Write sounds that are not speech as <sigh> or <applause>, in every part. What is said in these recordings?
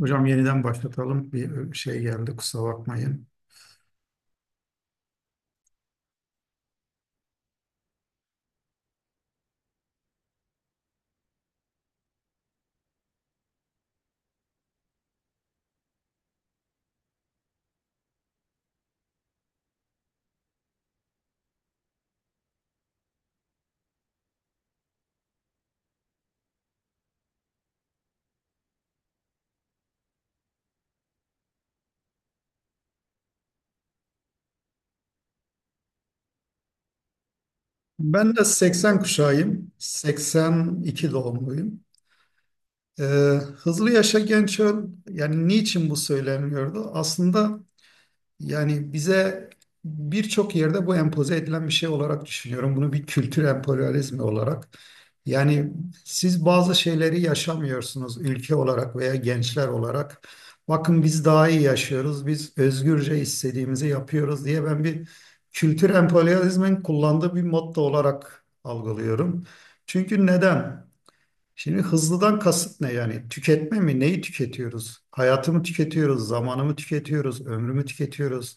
Hocam yeniden başlatalım. Bir şey geldi kusura bakmayın. Ben de 80 kuşağıyım. 82 doğumluyum. Ee, Hızlı yaşa genç öl, yani niçin bu söyleniyordu? Aslında yani bize birçok yerde bu empoze edilen bir şey olarak düşünüyorum. Bunu bir kültür emperyalizmi olarak. Yani siz bazı şeyleri yaşamıyorsunuz ülke olarak veya gençler olarak. Bakın biz daha iyi yaşıyoruz, biz özgürce istediğimizi yapıyoruz diye ben bir kültür emperyalizmin kullandığı bir motto olarak algılıyorum. Çünkü neden? Şimdi hızlıdan kasıt ne yani? Tüketme mi? Neyi tüketiyoruz? Hayatımı tüketiyoruz, zamanımı tüketiyoruz, ömrümü tüketiyoruz.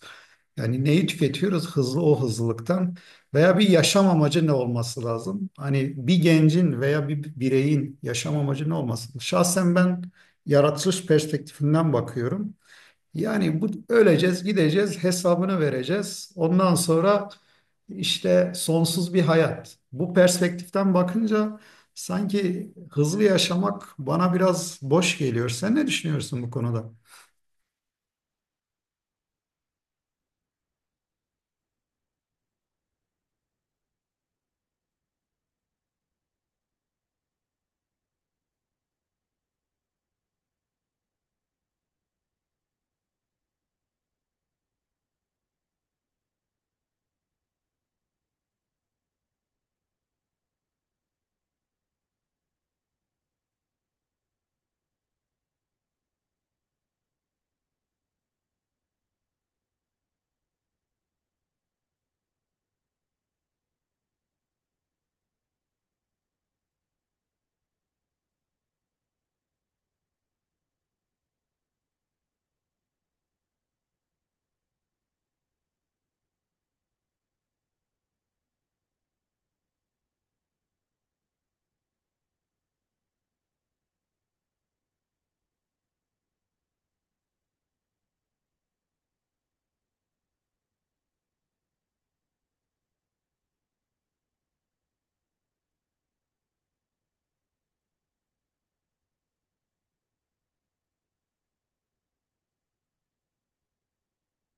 Yani neyi tüketiyoruz? Hızlı o hızlılıktan veya bir yaşam amacı ne olması lazım? Hani bir gencin veya bir bireyin yaşam amacı ne olması? Şahsen ben yaratılış perspektifinden bakıyorum. Yani bu öleceğiz, gideceğiz, hesabını vereceğiz. Ondan sonra işte sonsuz bir hayat. Bu perspektiften bakınca sanki hızlı yaşamak bana biraz boş geliyor. Sen ne düşünüyorsun bu konuda?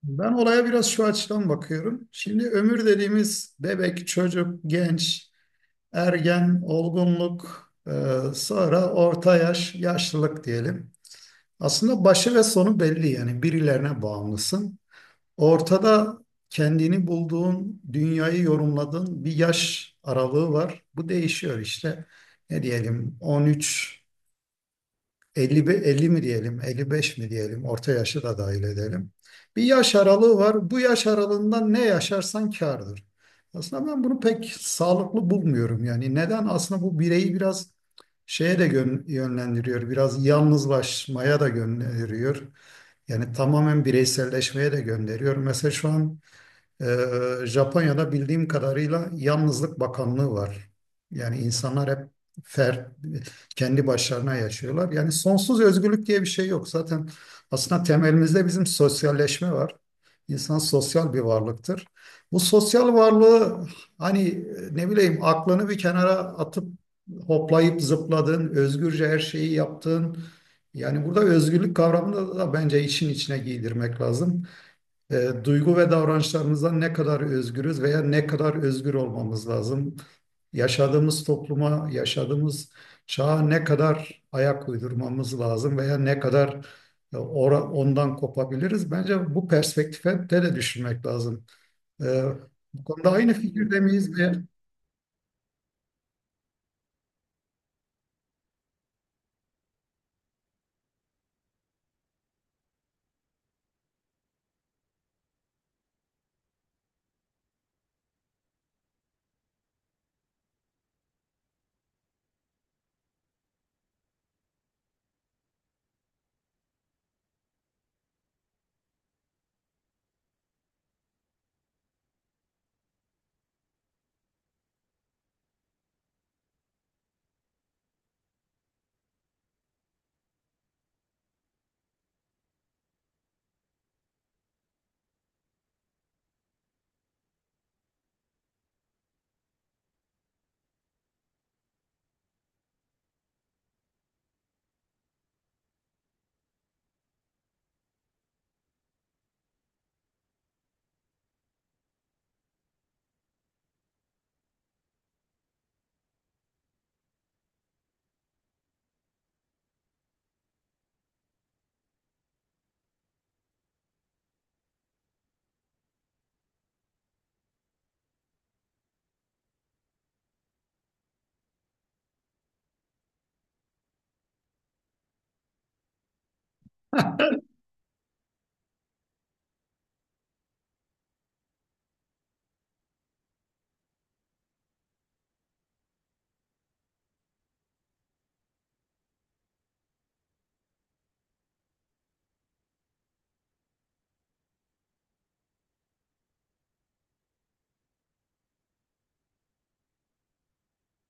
Ben olaya biraz şu açıdan bakıyorum. Şimdi ömür dediğimiz bebek, çocuk, genç, ergen, olgunluk, sonra orta yaş, yaşlılık diyelim. Aslında başı ve sonu belli, yani birilerine bağımlısın. Ortada kendini bulduğun, dünyayı yorumladığın bir yaş aralığı var. Bu değişiyor işte. Ne diyelim, 13, 50, 50 mi diyelim, 55 mi diyelim, orta yaşı da dahil edelim. Bir yaş aralığı var. Bu yaş aralığında ne yaşarsan kârdır. Aslında ben bunu pek sağlıklı bulmuyorum yani. Neden? Aslında bu bireyi biraz şeye de yönlendiriyor, biraz yalnızlaşmaya da gönderiyor. Yani tamamen bireyselleşmeye de gönderiyor. Mesela şu an Japonya'da bildiğim kadarıyla Yalnızlık Bakanlığı var. Yani insanlar hep fer, kendi başlarına yaşıyorlar. Yani sonsuz özgürlük diye bir şey yok. Zaten aslında temelimizde bizim sosyalleşme var. İnsan sosyal bir varlıktır. Bu sosyal varlığı hani ne bileyim aklını bir kenara atıp hoplayıp zıpladığın, özgürce her şeyi yaptığın, yani burada özgürlük kavramını da bence işin içine giydirmek lazım. Duygu ve davranışlarımızdan ne kadar özgürüz veya ne kadar özgür olmamız lazım? Yaşadığımız topluma, yaşadığımız çağa ne kadar ayak uydurmamız lazım veya ne kadar ondan kopabiliriz? Bence bu perspektife de düşünmek lazım. E, Bu konuda aynı fikirde miyiz? Ve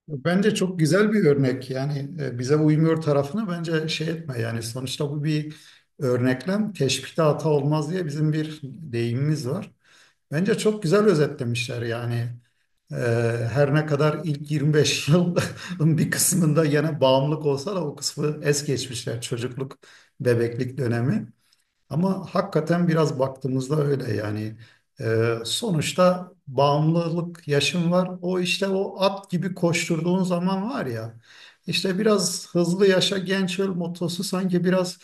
bence çok güzel bir örnek. Yani bize uymuyor tarafını bence şey etme. Yani sonuçta bu bir örneklem. Teşbihte hata olmaz diye bizim bir deyimimiz var. Bence çok güzel özetlemişler yani. Ee, Her ne kadar ilk 25 yılın <laughs> bir kısmında yine bağımlılık olsa da o kısmı es geçmişler. Çocukluk, bebeklik dönemi. Ama hakikaten biraz baktığımızda öyle yani. Sonuçta bağımlılık yaşım var. O işte o at gibi koşturduğun zaman var ya. İşte biraz hızlı yaşa genç öl motosu sanki biraz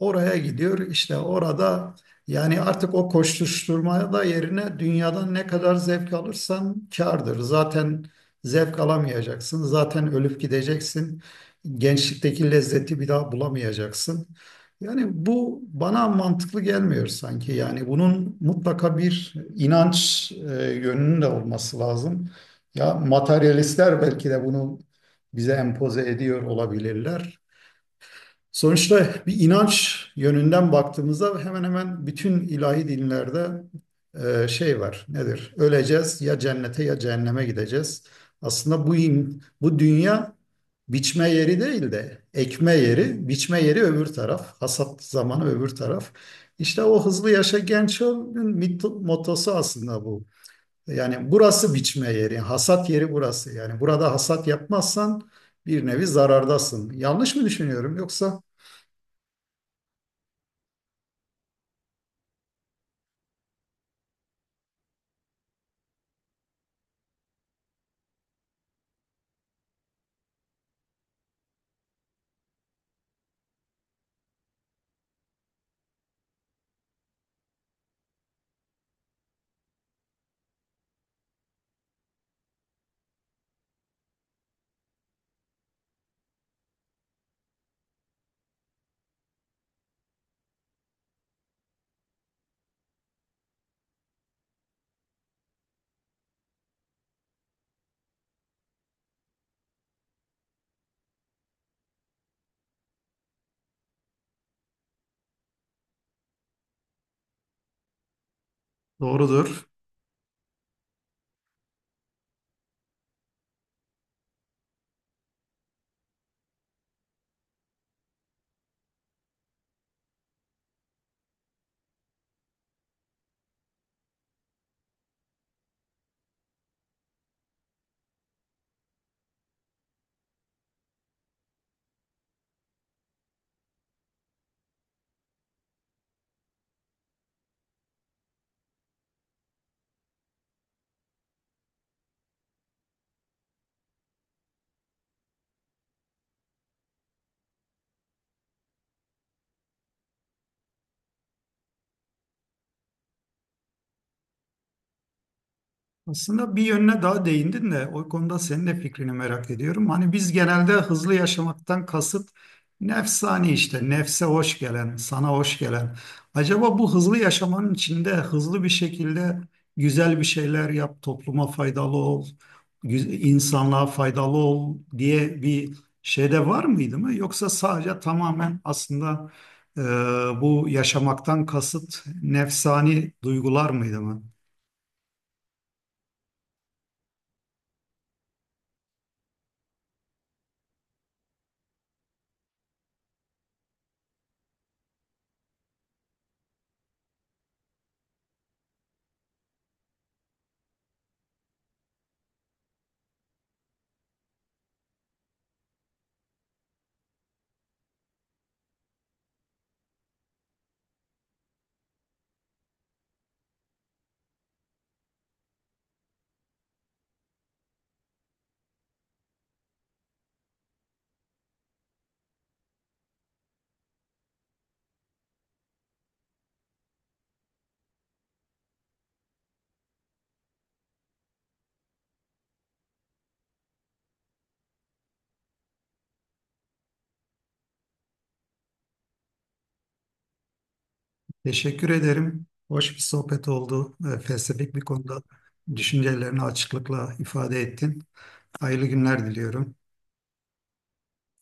oraya gidiyor, işte orada yani artık o koşuşturmaya da yerine dünyadan ne kadar zevk alırsan kârdır. Zaten zevk alamayacaksın. Zaten ölüp gideceksin. Gençlikteki lezzeti bir daha bulamayacaksın. Yani bu bana mantıklı gelmiyor sanki. Yani bunun mutlaka bir inanç yönünün de olması lazım. Ya materyalistler belki de bunu bize empoze ediyor olabilirler. Sonuçta bir inanç yönünden baktığımızda hemen hemen bütün ilahi dinlerde şey var. Nedir? Öleceğiz, ya cennete ya cehenneme gideceğiz. Aslında bu dünya biçme yeri değil de ekme yeri, biçme yeri öbür taraf, hasat zamanı öbür taraf. İşte o hızlı yaşa genç ol'un mottosu aslında bu. Yani burası biçme yeri, hasat yeri burası. Yani burada hasat yapmazsan bir nevi zarardasın. Yanlış mı düşünüyorum yoksa? Doğrudur. Aslında bir yönüne daha değindin de o konuda senin de fikrini merak ediyorum. Hani biz genelde hızlı yaşamaktan kasıt nefsani işte, nefse hoş gelen, sana hoş gelen. Acaba bu hızlı yaşamanın içinde hızlı bir şekilde güzel bir şeyler yap, topluma faydalı ol, insanlığa faydalı ol diye bir şey de var mıydı mı? Yoksa sadece tamamen aslında e, bu yaşamaktan kasıt nefsani duygular mıydı mı? Teşekkür ederim. Hoş bir sohbet oldu. Felsefik bir konuda düşüncelerini açıklıkla ifade ettin. Hayırlı günler diliyorum.